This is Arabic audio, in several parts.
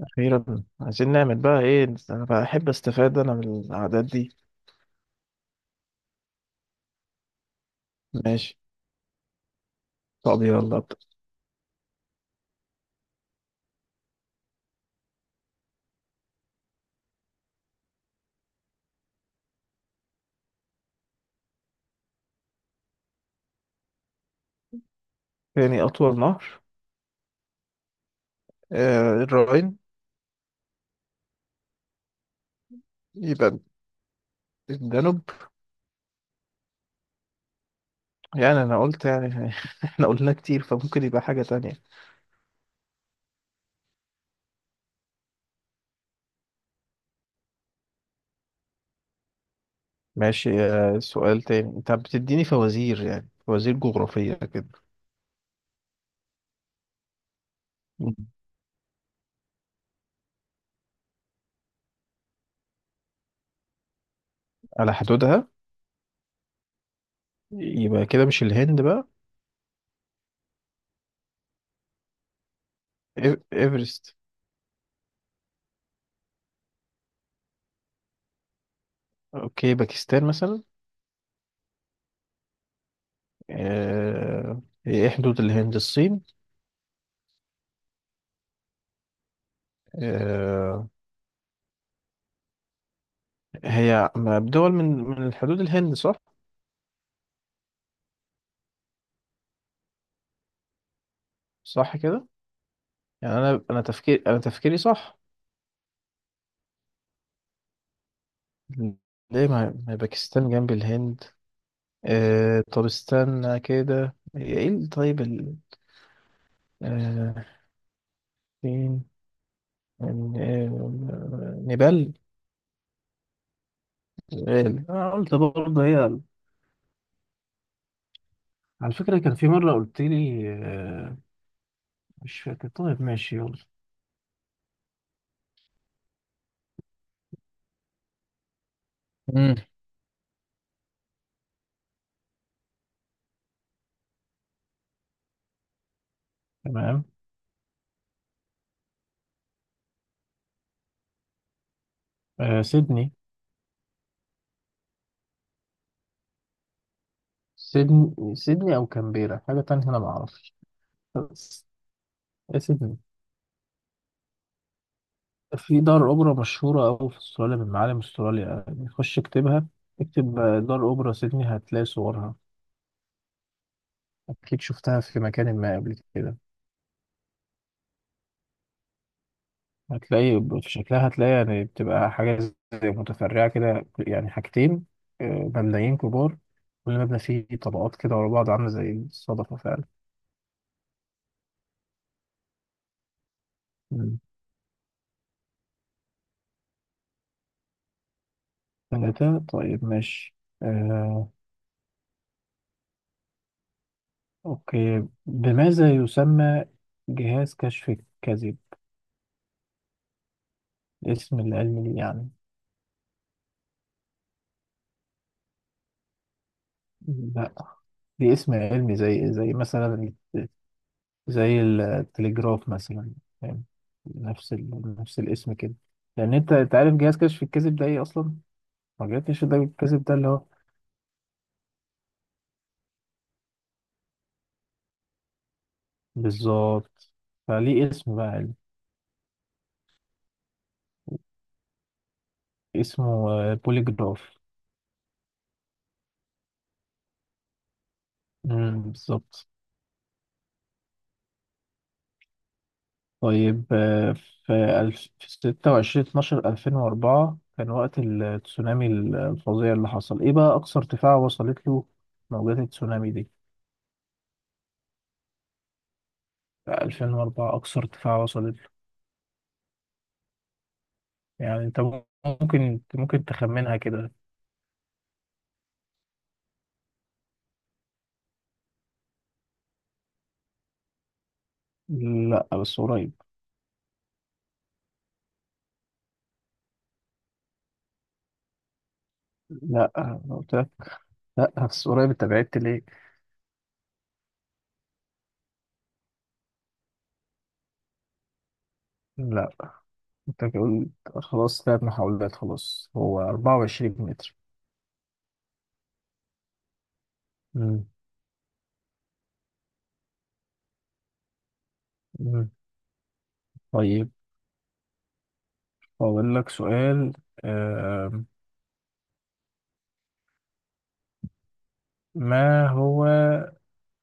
أخيرا، عايزين نعمل بقى إيه؟ أنا بحب أستفاد أنا من العادات دي. ماشي. طب يلا أبدأ. تاني أطول نهر. آه، الراين. يبقى الدانوب. يعني أنا قلت، يعني إحنا قلنا كتير فممكن يبقى حاجة تانية. ماشي. سؤال تاني، أنت بتديني فوازير، يعني فوازير جغرافية كده. مم. على حدودها. يبقى كده مش الهند بقى. إيفرست. أوكي، باكستان مثلا. آه. إيه، حدود الهند الصين. آه، هي بدول، من الحدود الهند، صح؟ صح كده. يعني انا تفكيري صح. ليه، ما هي باكستان جنب الهند. آه، طب استنى كده، هي ايه طيب آه، فين نيبال. نيبال، انا قلت برضه هي على فكرة، كان في مرة قلت لي، مش فاكر. طيب ماشي يلا. مم. تمام. آه، سيدني. سيدني. سيدني او كامبيرا، حاجة تانية انا ما اعرفش، بس سيدني. في دار أوبرا مشهورة أوي في أستراليا، من معالم أستراليا يعني. خش اكتبها، اكتب دار أوبرا سيدني، هتلاقي صورها، أكيد شفتها في مكان ما قبل كده. هتلاقي في شكلها، هتلاقي يعني بتبقى حاجة زي متفرعة كده، يعني حاجتين، مبنيين كبار، كل مبنى فيه طبقات كده ورا بعض، عاملة زي الصدفة فعلا. مم. ثلاثة، طيب ماشي. آه، أوكي، بماذا يسمى جهاز كشف الكذب؟ اسم العلمي ليه يعني؟ لا، دي اسم علمي، زي مثلا، زي التليجراف مثلا، فاهم؟ نفس نفس الاسم كده. لان انت عارف جهاز كشف الكذب ده ايه اصلا؟ مجال كشف ده الكذب ده اللي هو. بالظبط. فليه اسم بقى علمي. اسمه بوليجراف. امم، بالظبط. طيب، في في 26 12 2004 كان وقت التسونامي الفظيع اللي حصل. ايه بقى اقصى ارتفاع وصلت له موجات التسونامي دي؟ 2004، أقصى ارتفاع وصلت. يعني انت ممكن، ممكن تخمنها كده. لا، بس قريب. لا أنا قلت لك. لا بس قريب، انت بعدت ليه؟ لا انت قلت، خلاص ثلاث محاولات، خلاص هو 24 متر. مم. مم. طيب أقول لك سؤال. آم، ما هو،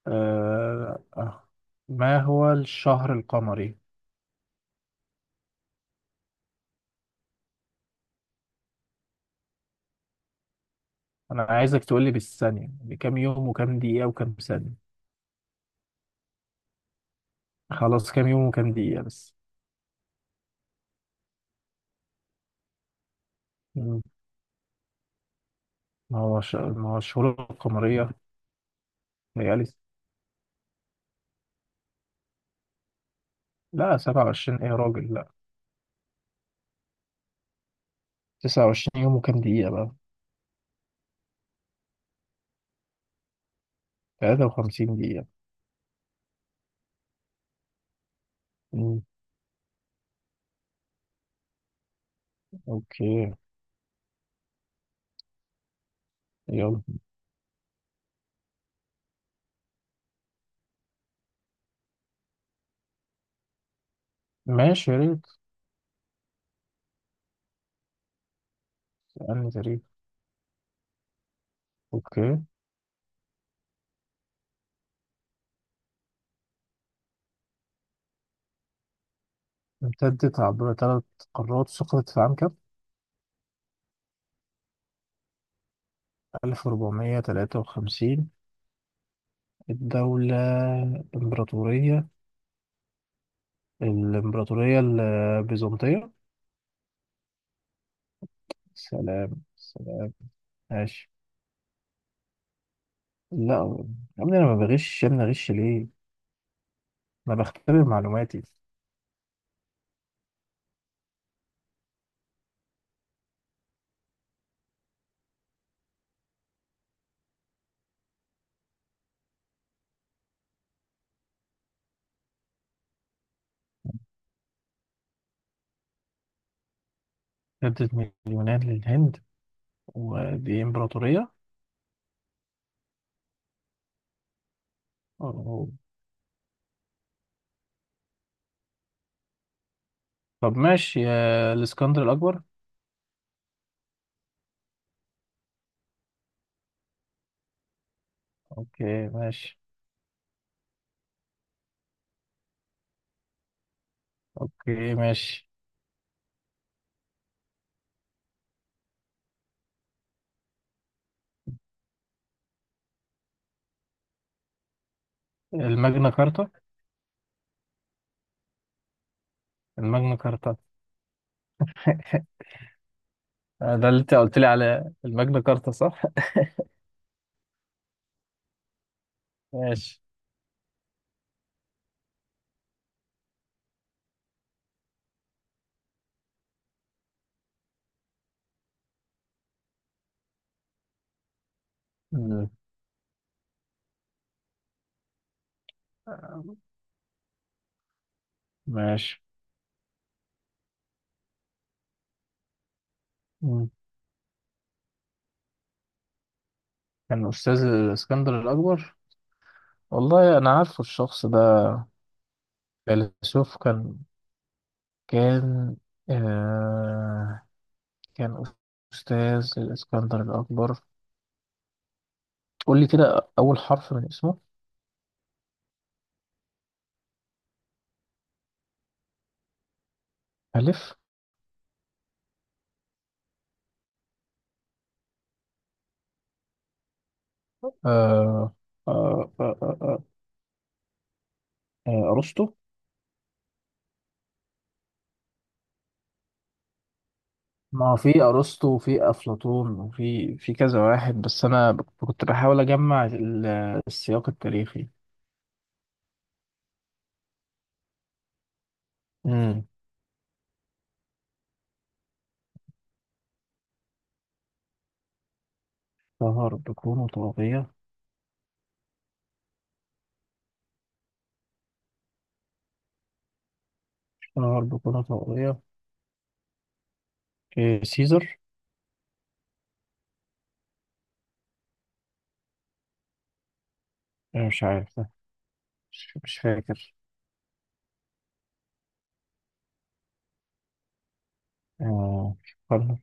آه، آه، ما هو الشهر القمري؟ أنا عايزك تقول لي بالثانية، بكام يوم وكام دقيقة وكام ثانية. خلاص كام يوم وكام دقيقة بس. ما هو ما هو الشهور القمرية، ليالي. لا 27 ايه يا راجل، لا. 29 يوم، وكام دقيقة بقى؟ 53 دقيقة. مم. اوكي. يلا. ماشي يا ريت. أنهي تاريخ؟ اوكي. امتدت عبر ثلاث قارات، سقطت في عام كام؟ 1453. الدولة الإمبراطورية. الإمبراطورية البيزنطية. سلام سلام. ماشي. لا يا ابني، انا ما بغش، يا ابني اغش ليه؟ انا بختبر معلوماتي. ردت، مليونات للهند، ودي إمبراطورية. أوه. طب ماشي يا الإسكندر الأكبر. أوكي ماشي. أوكي ماشي. الماجنا كارتا. الماجنا كارتا. ده اللي أنت قلت لي على الماجنا كارتا، صح؟ ماشي. مم. ماشي. مم. كان أستاذ الإسكندر الأكبر. والله أنا عارفه الشخص ده. فيلسوف، كان آه، كان أستاذ الإسكندر الأكبر. قول لي كده أول حرف من اسمه. ألف. آه آه آه آه آه أرسطو. ما هو في أرسطو وفي أفلاطون وفي كذا واحد، بس أنا كنت بحاول أجمع السياق التاريخي. امم. شهر بكونه طاغية. شهر بكونه طاغية. إيه، سيزر؟ إيه مش عارف ده. مش فاكر. آه في القرن.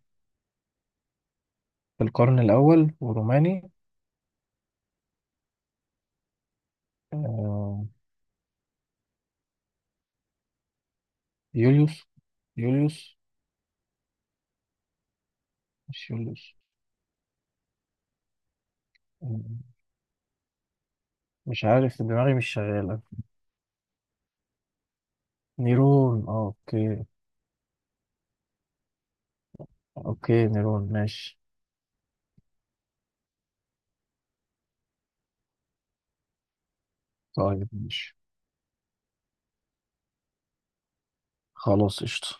في القرن الأول وروماني. آه. يوليوس. يوليوس. مش يوليوس. آه، مش عارف دماغي مش شغالة. نيرون، اه اوكي. اوكي نيرون ماشي. طيب ماشي. خلاص قشطة.